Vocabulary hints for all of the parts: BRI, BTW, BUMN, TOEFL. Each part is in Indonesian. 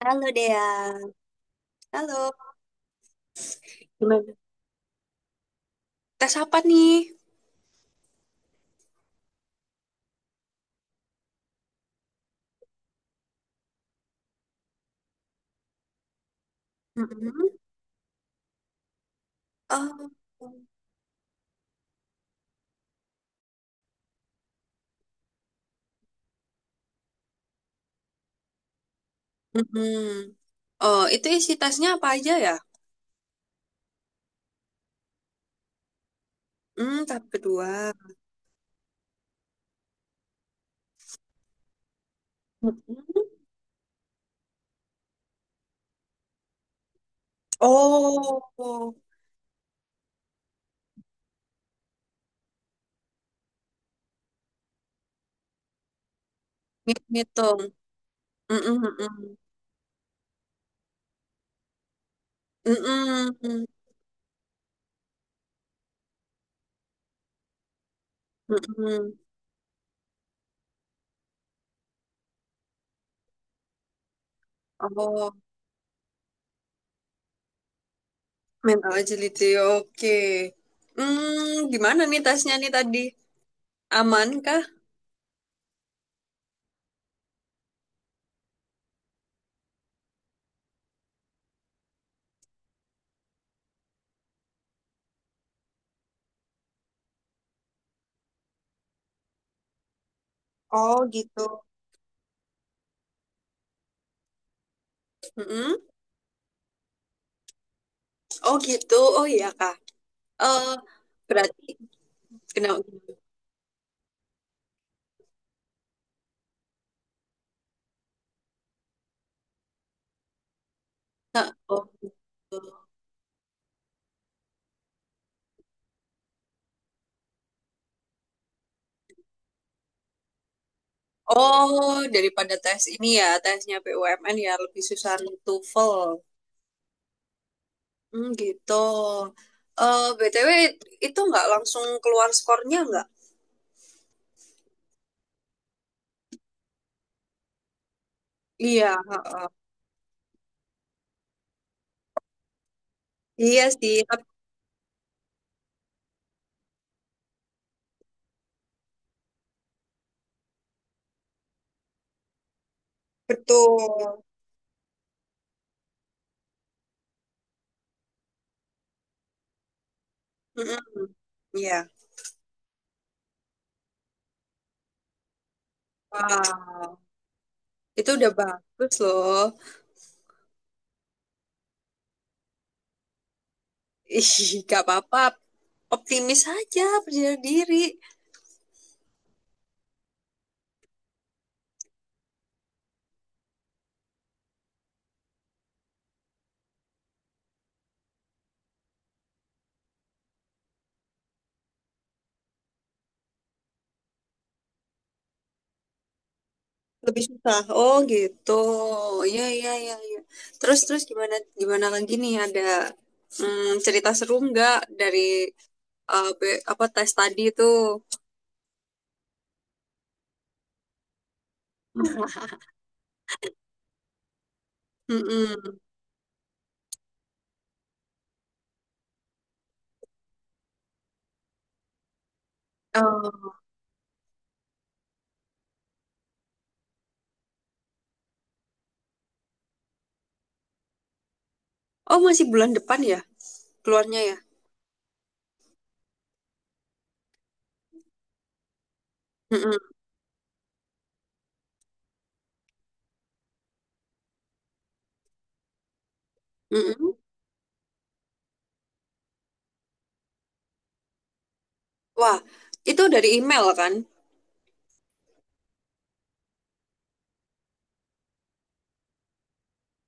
Halo Dea. Halo. Gimana? Tes apa nih? Mm-mm. Oh. Mm-mm. Oh, itu isi tesnya apa aja ya? Hmm, tahap kedua. Mm-mm. Oh, ngitung. Mm-mm, mm-mm. Mm-mm, mm-mm. Oh, mental agility. Oke. Hmm, gimana nih tesnya nih tadi? Aman kah? Oh gitu. Mm-mm. Oh gitu. Oh iya kak. Eh, Berarti kenapa? Nah, oh, gitu. Oh, daripada tes ini ya, tesnya BUMN ya lebih susah TOEFL. Hmm, gitu. BTW itu nggak langsung keluar skornya nggak? Iya, heeh. Iya sih, betul. Mm-mm. Iya. Wow, itu udah bagus loh. Ih, gak apa-apa. Optimis aja, percaya diri. Lebih susah. Oh gitu. Iya iya iya iya. Terus terus gimana gimana lagi nih, ada cerita seru nggak dari apa tes tadi itu? Mm-mm. Oh. Oh, masih bulan depan ya keluarnya ya? Mm-mm. Mm-mm. Wah, itu dari email kan?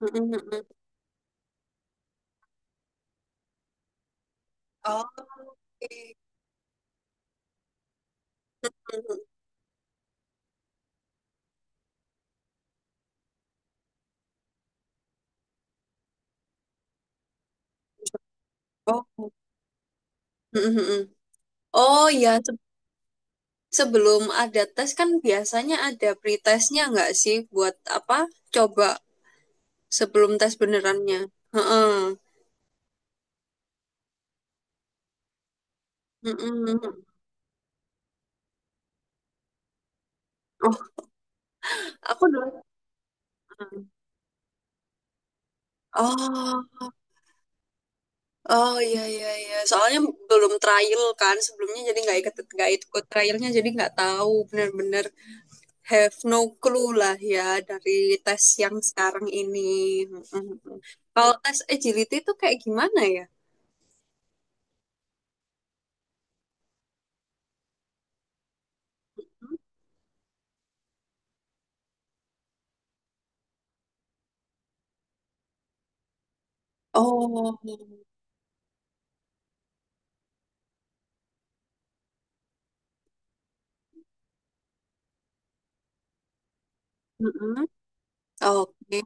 Mm-mm. Mm-mm. Oh, oke. Mm-mm. Oh. Mm-mm. Mm-mm. Oh ya, sebelum ada tes kan biasanya ada pretestnya nggak sih buat apa? Coba sebelum tes benerannya. Heeh. Mm-mm. Oh, aku dulu. Ah. Oh, oh, iya iya iya. Soalnya belum trial kan sebelumnya, jadi nggak ikut trialnya, jadi nggak tahu bener-bener have no clue lah ya dari tes yang sekarang ini. Mm-mm. Kalau tes agility itu kayak gimana ya? Oh, mm-mm. Oke,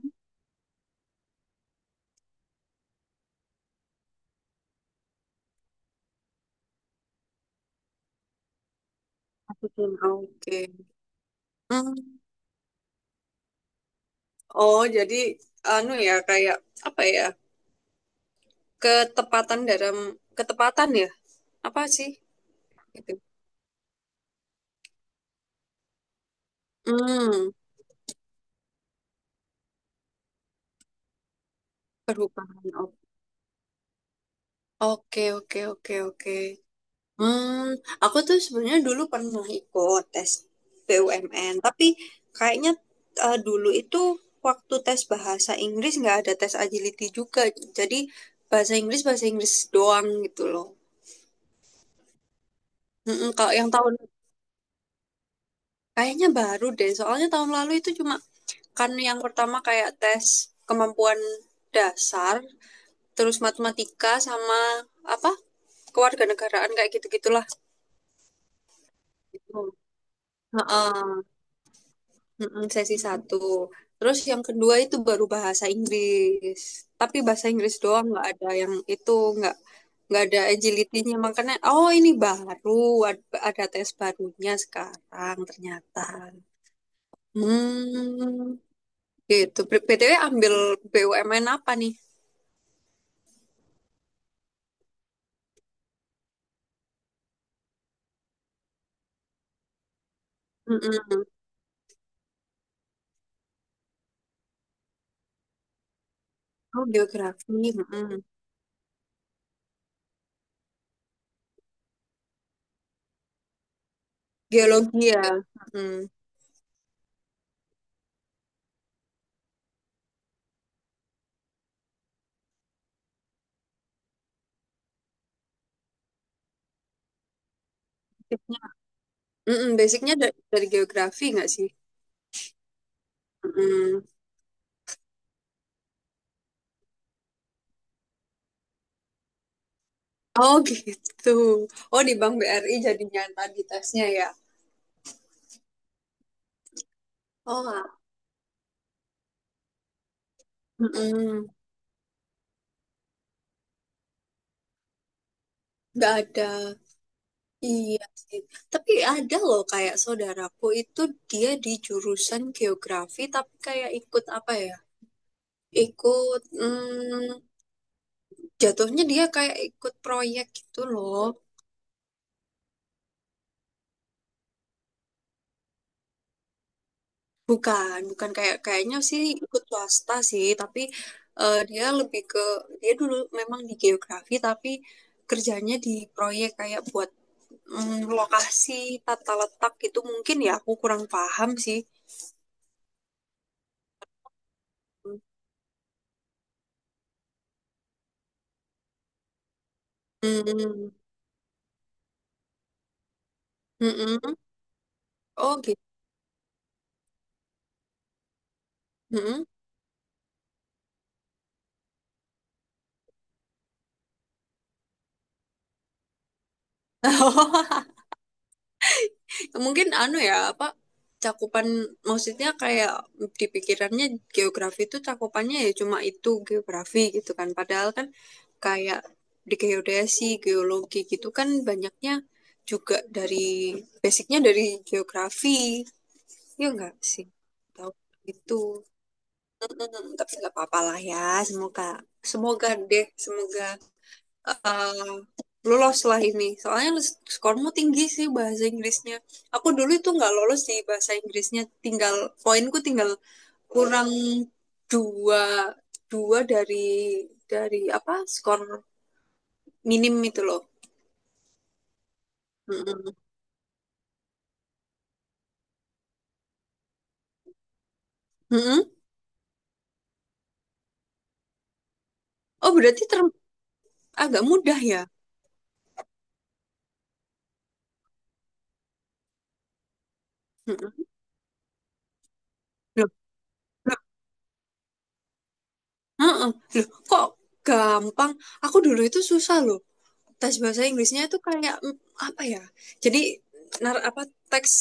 masukin, oke. Hmm. Oh, jadi anu ya kayak apa ya? Ketepatan dalam ketepatan ya, apa sih gitu. Hmm, perubahan oke oke oke oke. Hmm, aku tuh sebenarnya dulu pernah ikut tes BUMN, tapi kayaknya dulu itu waktu tes bahasa Inggris nggak ada tes agility juga, jadi bahasa Inggris doang gitu loh. Mm-mm, kalau yang tahun, kayaknya baru deh, soalnya tahun lalu itu cuma kan yang pertama kayak tes kemampuan dasar, terus matematika sama apa, kewarganegaraan, kayak gitu-gitulah. Heeh, heeh, sesi satu. Terus yang kedua itu baru bahasa Inggris. Tapi bahasa Inggris doang, nggak ada yang itu, nggak nggak ada agility-nya. Makanya oh ini baru ada tes barunya sekarang ternyata. Hmm, gitu. BTW ambil BUMN apa nih? Mm-mm. Oh, geografi. Mm-mm. Geologi ya. Mm-mm. Mm-mm, basicnya dari geografi nggak sih? Mm-mm. Oh gitu. Oh di Bank BRI jadinya yang tadi tesnya ya. Oh, ah. Mm-mm. Nggak ada. Iya sih. Tapi ada loh, kayak saudaraku itu, dia di jurusan geografi tapi kayak ikut apa ya? Ikut jatuhnya dia kayak ikut proyek gitu loh. Bukan, bukan kayak kayaknya sih ikut swasta sih, tapi dia lebih ke, dia dulu memang di geografi tapi kerjanya di proyek kayak buat lokasi tata letak gitu mungkin ya, aku kurang paham sih. Hmm, mm-mm. Oh gitu. Mm. Mungkin anu ya, apa, cakupan, maksudnya kayak di pikirannya geografi itu cakupannya ya cuma itu geografi gitu kan. Padahal kan kayak di geodesi, geologi gitu kan banyaknya juga dari basicnya dari geografi. Ya enggak sih? Tahu itu. Hmm, tapi nggak apa-apa lah ya. Semoga, semoga deh, semoga eh lolos lah ini. Soalnya skormu tinggi sih bahasa Inggrisnya. Aku dulu itu nggak lolos di bahasa Inggrisnya, tinggal poinku, tinggal kurang dua, dua dari dari skor minim itu loh. Mm-mm. Mm-mm. Oh berarti agak mudah ya? Mm-mm. Loh, loh, mm-mm. Loh, kok gampang? Aku dulu itu susah loh. Tes bahasa Inggrisnya itu kayak apa ya? Jadi apa, teks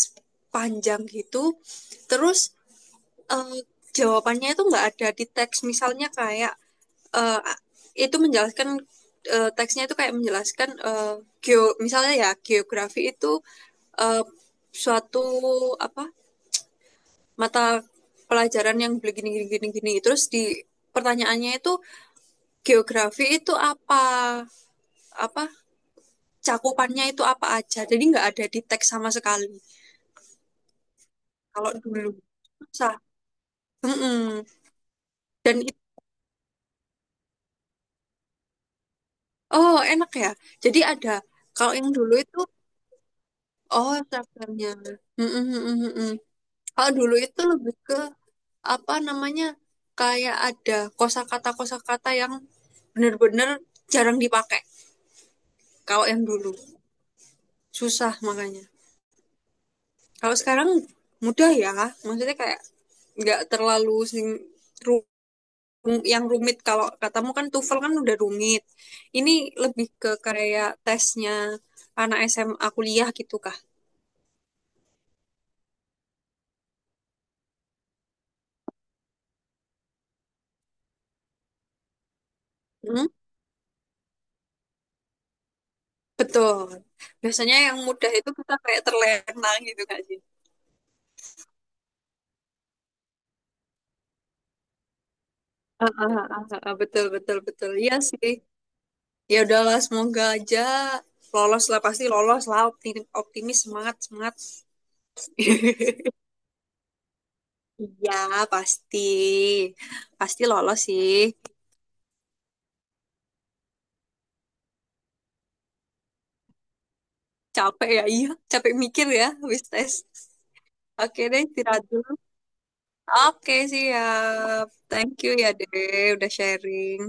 panjang gitu. Terus eh, jawabannya itu nggak ada di teks. Misalnya kayak eh, itu menjelaskan, teksnya itu kayak menjelaskan, eh, geo misalnya ya geografi itu eh, suatu apa, mata pelajaran yang begini gini gini gini. Terus di pertanyaannya itu, geografi itu apa? Apa cakupannya itu, apa aja. Jadi nggak ada di teks sama sekali. Kalau dulu susah. Mm-mm. Dan it- oh enak ya. Jadi ada, kalau yang dulu itu, oh, chapternya. Mm-mm, mm-mm, mm-mm. Kalau dulu itu lebih ke apa namanya, kayak ada kosakata kosakata yang bener-bener jarang dipakai. Kalau yang dulu susah makanya. Kalau sekarang mudah ya. Maksudnya kayak nggak terlalu yang rumit, kalau katamu kan TOEFL kan udah rumit. Ini lebih ke kayak tesnya anak SMA kuliah gitu kah? Hmm? Betul. Biasanya yang mudah itu kita kayak terlena gitu kan sih. Ah, ah, ah, ah, ah, betul betul betul. Iya sih. Ya udahlah, semoga aja lolos lah, pasti lolos lah, optimis, optimis, semangat semangat. Iya pasti pasti lolos sih. Capek ya, iya capek mikir ya habis tes. Oke deh, istirahat dulu. Oke, siap. Thank you ya, Dek, udah sharing.